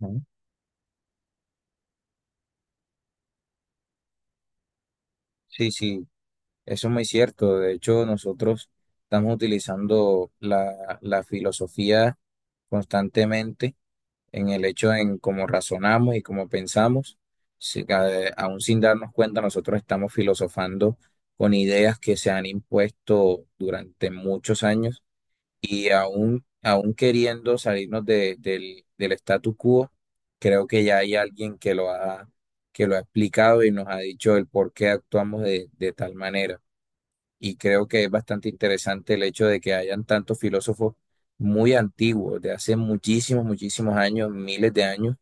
Ujú. Sí, sí, eso es muy cierto. De hecho, nosotros estamos utilizando la filosofía constantemente en el hecho en cómo razonamos y cómo pensamos. Aún sin darnos cuenta, nosotros estamos filosofando con ideas que se han impuesto durante muchos años. Y aún queriendo salirnos del status quo, creo que ya hay alguien que lo ha explicado y nos ha dicho el por qué actuamos de tal manera. Y creo que es bastante interesante el hecho de que hayan tantos filósofos muy antiguos, de hace muchísimos, muchísimos años, miles de años,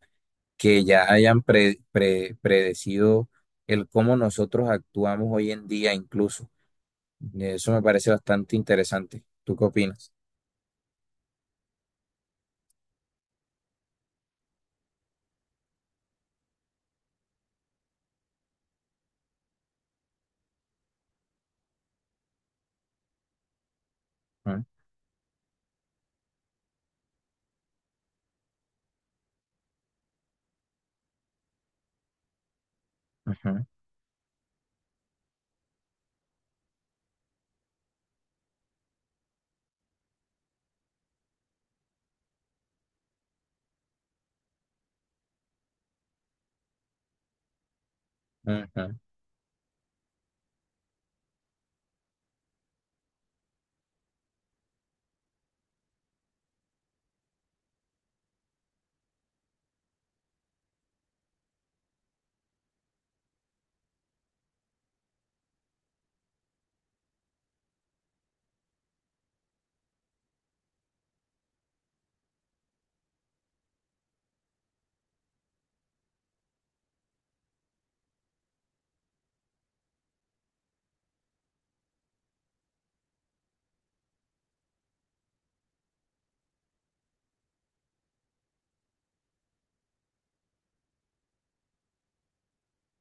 que ya hayan predecido el cómo nosotros actuamos hoy en día incluso. Eso me parece bastante interesante. ¿Tú qué opinas? Ujú, ujú. Ujú.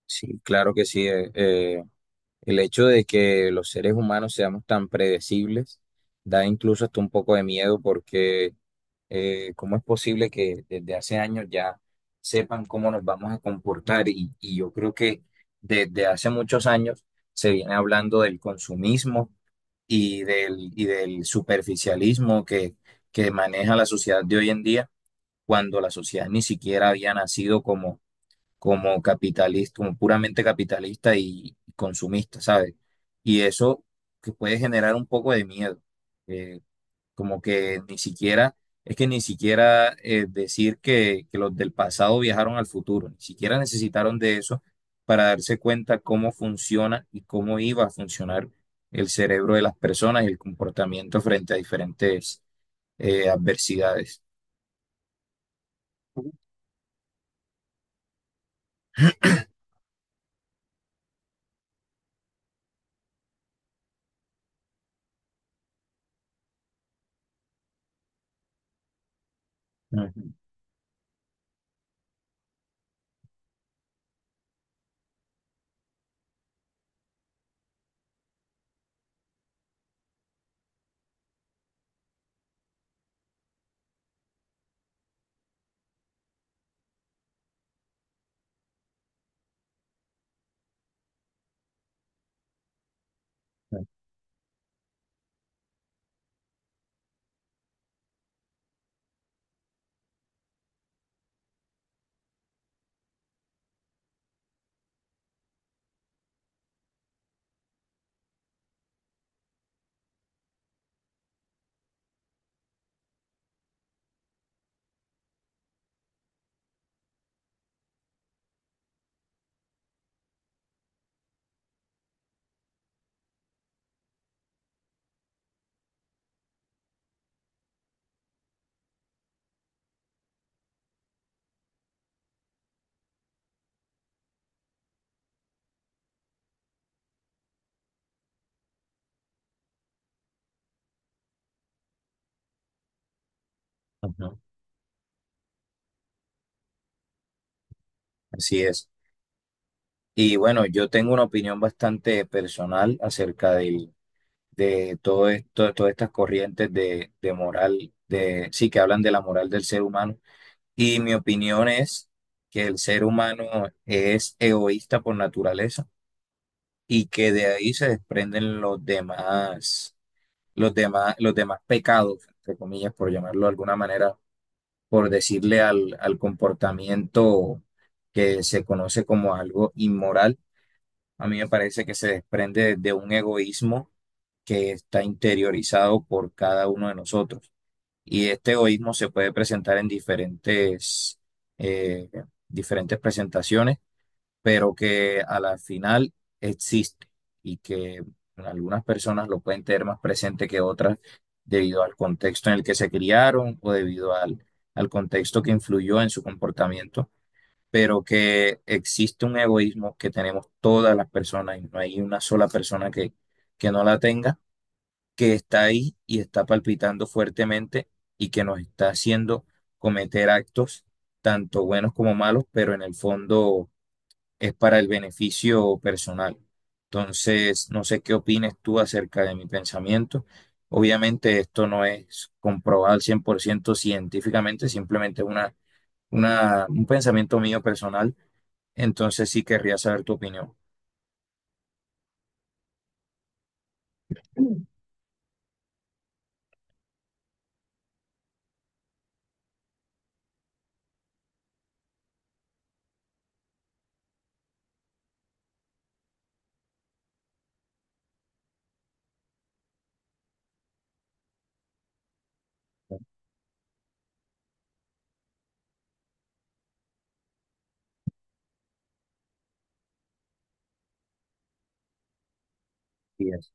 Sí, claro que sí. El hecho de que los seres humanos seamos tan predecibles da incluso hasta un poco de miedo porque ¿cómo es posible que desde hace años ya sepan cómo nos vamos a comportar? Y yo creo que desde hace muchos años se viene hablando del consumismo y del superficialismo que maneja la sociedad de hoy en día cuando la sociedad ni siquiera había nacido como capitalista, como puramente capitalista y consumista, ¿sabes? Y eso que puede generar un poco de miedo, eh, como que ni siquiera, es que ni siquiera decir que los del pasado viajaron al futuro, ni siquiera necesitaron de eso para darse cuenta cómo funciona y cómo iba a funcionar el cerebro de las personas y el comportamiento frente a diferentes adversidades. Ujú, ujú. Así es. Y bueno, yo tengo una opinión bastante personal de todo esto, todas estas corrientes de moral, de, sí, que hablan de la moral del ser humano. Y mi opinión es que el ser humano es egoísta por naturaleza y que de ahí se desprenden los demás pecados, entre comillas, por llamarlo de alguna manera, por decirle al comportamiento que se conoce como algo inmoral. A mí me parece que se desprende de un egoísmo que está interiorizado por cada uno de nosotros. Y este egoísmo se puede presentar en diferentes, eh, diferentes presentaciones, pero que a la final existe y que algunas personas lo pueden tener más presente que otras debido al contexto en el que se criaron o al contexto que influyó en su comportamiento, pero que existe un egoísmo que tenemos todas las personas y no hay una sola persona que no la tenga, que está ahí y está palpitando fuertemente y que nos está haciendo cometer actos tanto buenos como malos, pero en el fondo es para el beneficio personal. Entonces, no sé qué opines tú acerca de mi pensamiento. Obviamente esto no es comprobado al 100% científicamente, simplemente es un pensamiento mío personal, entonces sí querría saber tu opinión. Y es-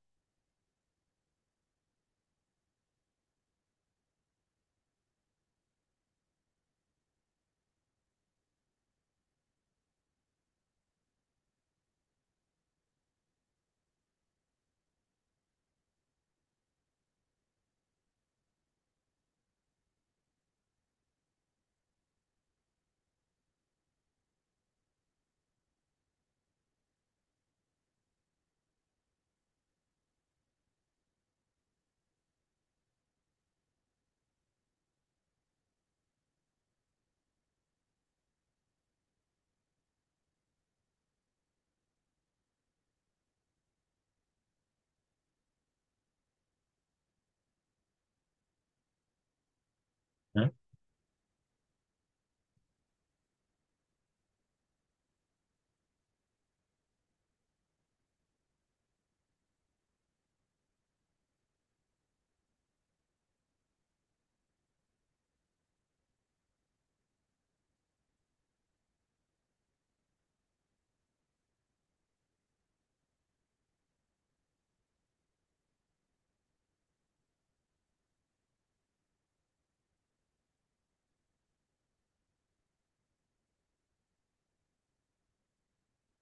¿No?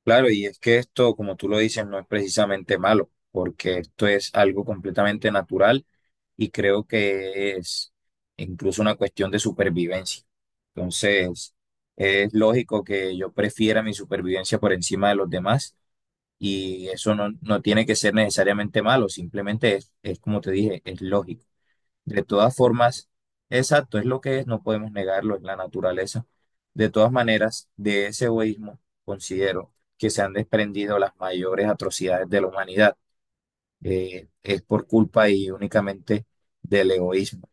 Claro, y es que esto, como tú lo dices, no es precisamente malo, porque esto es algo completamente natural y creo que es incluso una cuestión de supervivencia. Entonces, es lógico que yo prefiera mi supervivencia por encima de los demás y eso no tiene que ser necesariamente malo, simplemente es como te dije, es lógico. De todas formas, exacto, es lo que es, no podemos negarlo, es la naturaleza. De todas maneras, de ese egoísmo considero que se han desprendido las mayores atrocidades de la humanidad. Es por culpa y únicamente del egoísmo.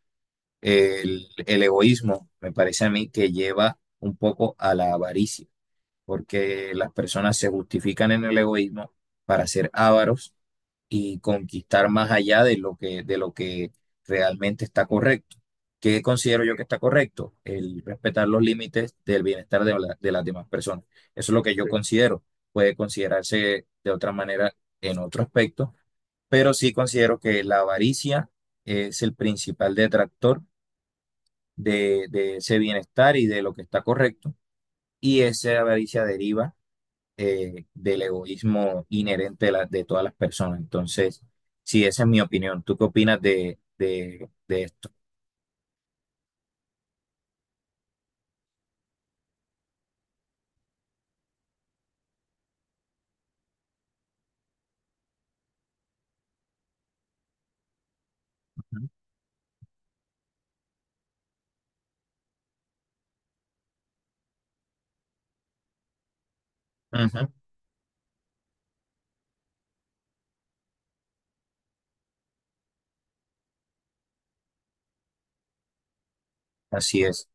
El egoísmo me parece a mí que lleva un poco a la avaricia, porque las personas se justifican en el egoísmo para ser ávaros y conquistar más allá de lo que realmente está correcto. ¿Qué considero yo que está correcto? El respetar los límites del bienestar de las demás personas. Eso es lo que yo sí, considero. Puede considerarse de otra manera en otro aspecto, pero sí considero que la avaricia es el principal detractor de ese bienestar y de lo que está correcto. Y esa avaricia deriva del egoísmo inherente de todas las personas. Entonces, sí, esa es mi opinión. ¿Tú qué opinas de esto? Ujú, así es.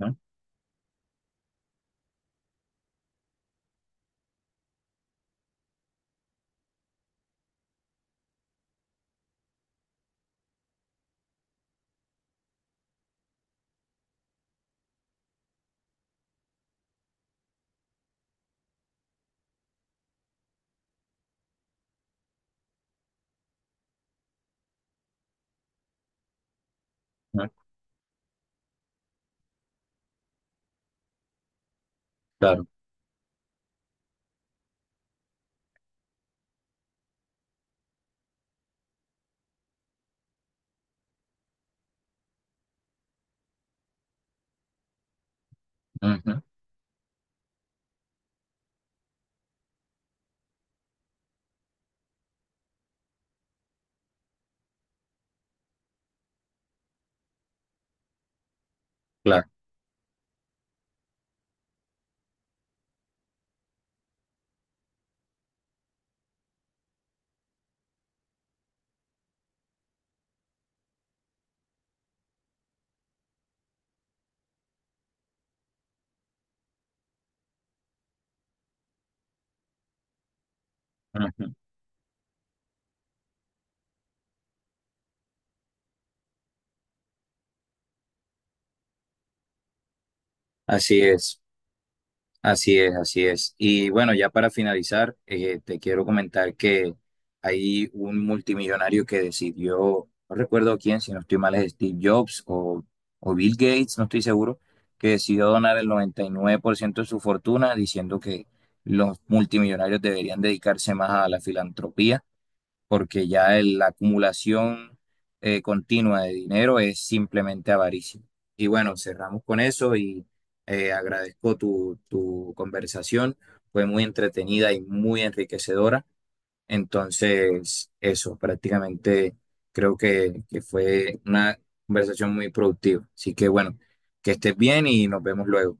Ujú, ujú, claro. Ujú, claro. Ujú, así es. Así es, así es. Y bueno, ya para finalizar, te quiero comentar que hay un multimillonario que decidió, no recuerdo quién, si no estoy mal, es Steve Jobs o Bill Gates, no estoy seguro, que decidió donar el 99% de su fortuna diciendo que los multimillonarios deberían dedicarse más a la filantropía porque ya la acumulación continua de dinero es simplemente avaricia. Y bueno, cerramos con eso y agradezco tu, tu conversación, fue muy entretenida y muy enriquecedora. Entonces, eso, prácticamente creo que fue una conversación muy productiva. Así que bueno, que estés bien y nos vemos luego.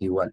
Igual.